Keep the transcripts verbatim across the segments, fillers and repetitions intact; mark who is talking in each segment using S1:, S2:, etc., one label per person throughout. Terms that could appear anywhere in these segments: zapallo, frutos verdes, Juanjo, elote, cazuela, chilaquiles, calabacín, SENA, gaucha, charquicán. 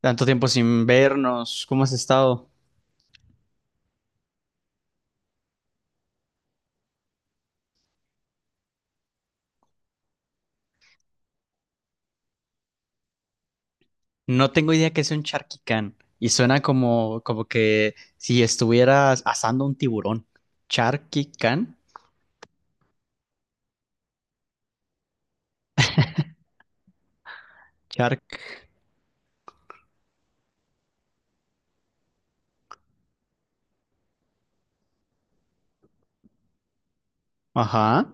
S1: Tanto tiempo sin vernos, ¿cómo has estado? No tengo idea que sea un charquicán y suena como, como que si estuvieras asando un tiburón. ¿Charquicán? Chark. Ajá.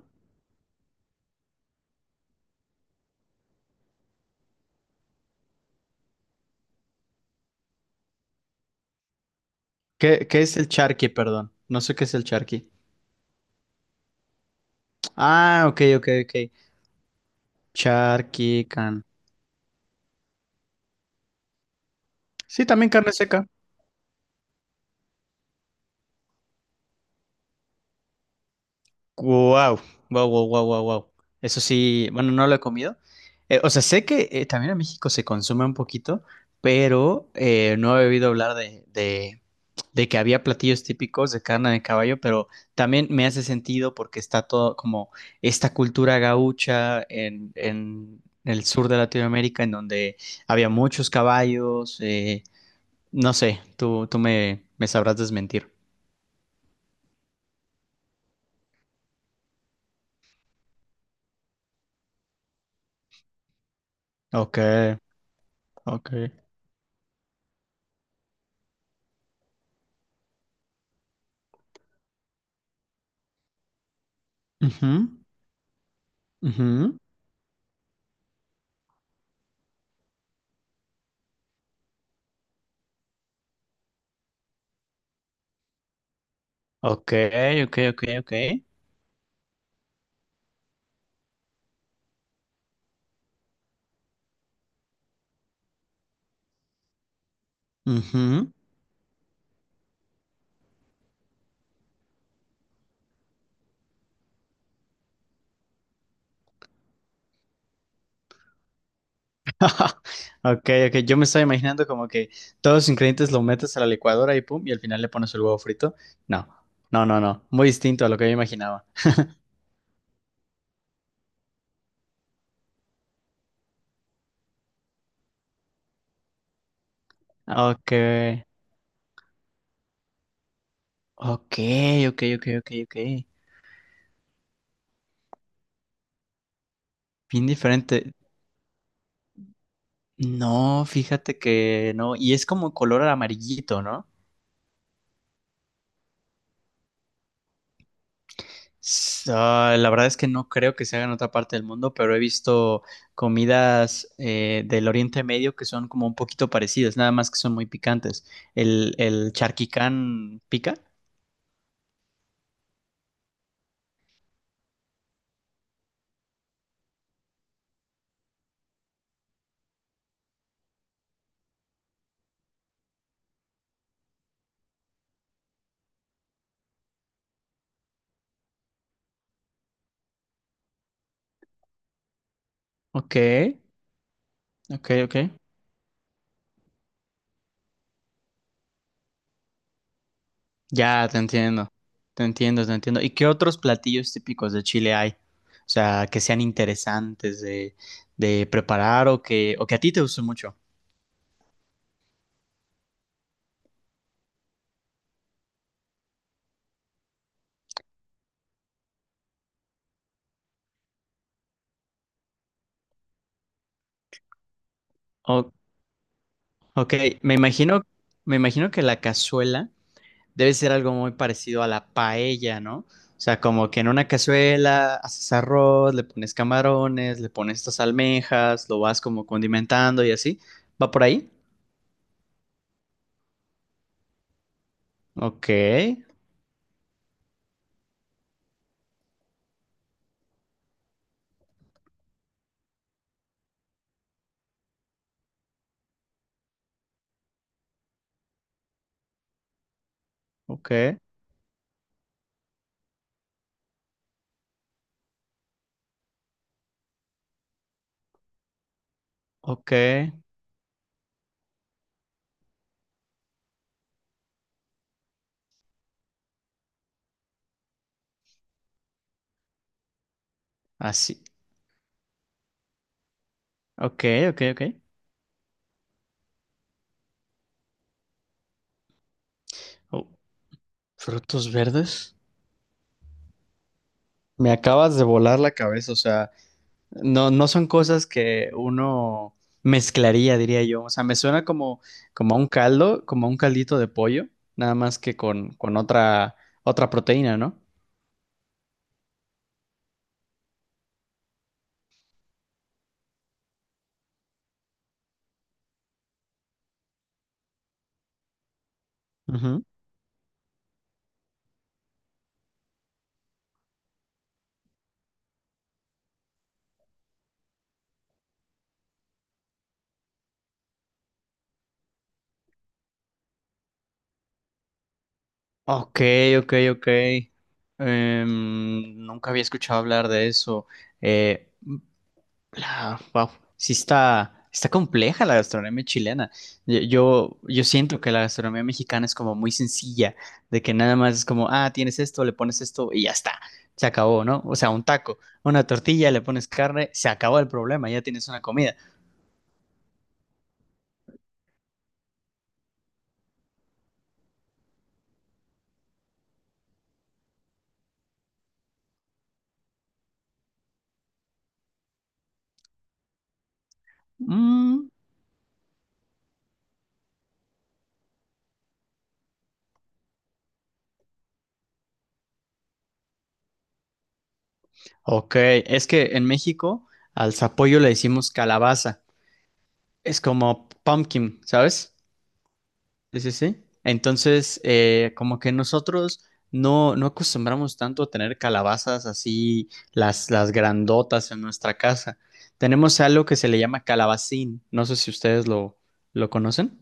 S1: ¿Qué, qué es el charqui, perdón? No sé qué es el charqui. Ah, ok, ok, ok. Charquicán. Sí, también carne seca. Wow, wow, wow, wow, wow, wow. Eso sí, bueno, no lo he comido. Eh, o sea, sé que eh, también en México se consume un poquito, pero eh, no he oído hablar de, de, de que había platillos típicos de carne de caballo, pero también me hace sentido porque está todo como esta cultura gaucha en, en el sur de Latinoamérica, en donde había muchos caballos. Eh, no sé, tú, tú me, me sabrás desmentir. Ok, ok. Ujú, ujú. Ok, ok, ok, ok. Ujú. Ok, ok. Yo me estaba imaginando como que todos los ingredientes lo metes a la licuadora y pum, y al final le pones el huevo frito. No, no, no, no. Muy distinto a lo que yo imaginaba. Ok, ok, ok, ok, ok, ok. Bien diferente. No, fíjate que no. Y es como color amarillito, ¿no? S- ah, la verdad es que no creo que se haga en otra parte del mundo, pero he visto comidas eh, del Oriente Medio que son como un poquito parecidas, nada más que son muy picantes. ¿El, el charquicán pica? Ok, ok, ok. Ya, te entiendo. Te entiendo, te entiendo. ¿Y qué otros platillos típicos de Chile hay? O sea, que sean interesantes de, de preparar o que, o que a ti te guste mucho. O- ok, me imagino, me imagino que la cazuela debe ser algo muy parecido a la paella, ¿no? O sea, como que en una cazuela haces arroz, le pones camarones, le pones estas almejas, lo vas como condimentando y así. ¿Va por ahí? Ok, ok, ok, así. Ok, ok, ok. Oh, frutos verdes. Me acabas de volar la cabeza, o sea, no, no son cosas que uno mezclaría, diría yo. O sea, me suena como, como a un caldo, como a un caldito de pollo, nada más que con, con otra, otra proteína, ¿no? Ujú. Ok, ok, ok. Em, nunca había escuchado hablar de eso. Eh, Ah, wow, sí está, está compleja la gastronomía chilena. Yo, yo, yo siento que la gastronomía mexicana es como muy sencilla, de que nada más es como, ah, tienes esto, le pones esto y ya está, se acabó, ¿no? O sea, un taco, una tortilla, le pones carne, se acabó el problema, ya tienes una comida. Mm, ok, es que en México al zapallo le decimos calabaza, es como pumpkin, ¿sabes? Sí, sí, sí. Entonces, eh, como que nosotros no, no acostumbramos tanto a tener calabazas así, las, las grandotas en nuestra casa. Tenemos algo que se le llama calabacín. No sé si ustedes lo, lo conocen.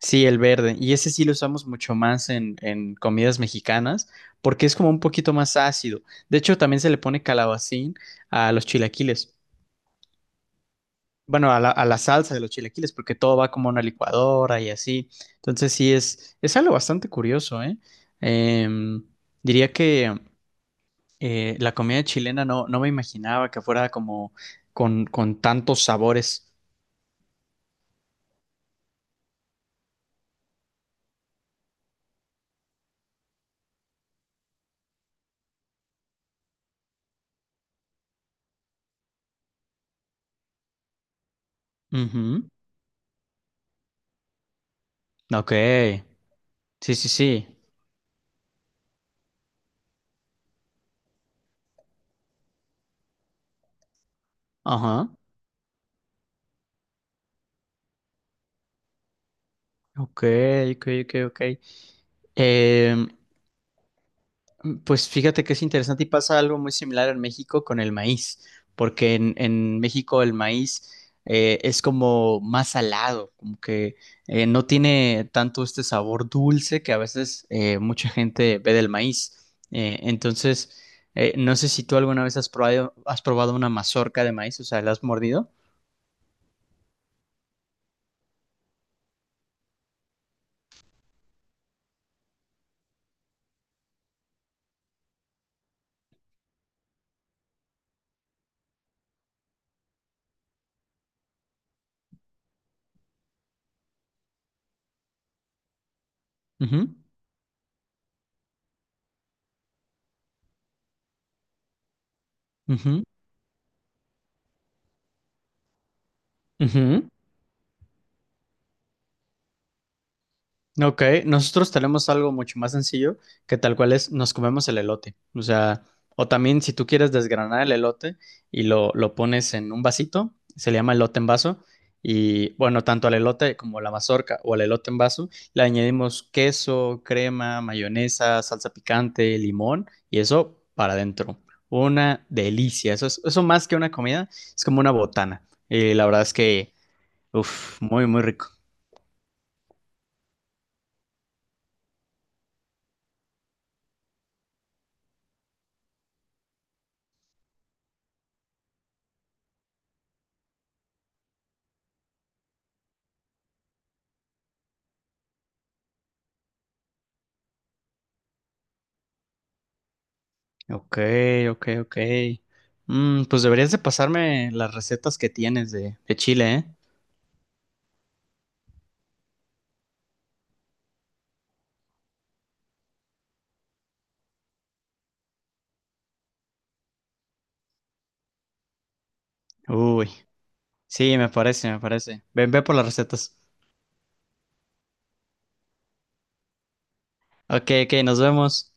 S1: Sí, el verde. Y ese sí lo usamos mucho más en, en comidas mexicanas porque es como un poquito más ácido. De hecho, también se le pone calabacín a los chilaquiles. Bueno, a la, a la salsa de los chilaquiles, porque todo va como a una licuadora y así. Entonces sí, es, es algo bastante curioso, ¿eh? Em, Diría que eh, la comida chilena no, no me imaginaba que fuera como con, con tantos sabores. Ujú. Ok, sí, sí, sí. Ajá. Ok, ok, ok, ok. Em, Mm, Pues fíjate que es interesante y pasa algo muy similar en México con el maíz, porque en, en México el maíz eh, es como más salado, como que eh, no tiene tanto este sabor dulce que a veces eh, mucha gente ve del maíz. Eh, entonces, eh, no sé si tú alguna vez has probado, has probado una mazorca de maíz, o sea, ¿la has mordido? Ujú, ujú, ujú. Ok, nosotros tenemos algo mucho más sencillo que tal cual es nos comemos el elote. O sea, o también si tú quieres desgranar el elote y lo, lo pones en un vasito, se le llama elote en vaso. Y bueno, tanto al elote como la mazorca o al elote en vaso, le añadimos queso, crema, mayonesa, salsa picante, limón y eso para adentro. Una delicia. Eso es, eso más que una comida, es como una botana. Y la verdad es que, uff, muy, muy rico. Ok, ok, ok. Mm, pues deberías de pasarme las recetas que tienes de, de Chile, ¿eh? Uy, sí, me parece, me parece. Ven, ve por las recetas. Ok, ok, nos vemos.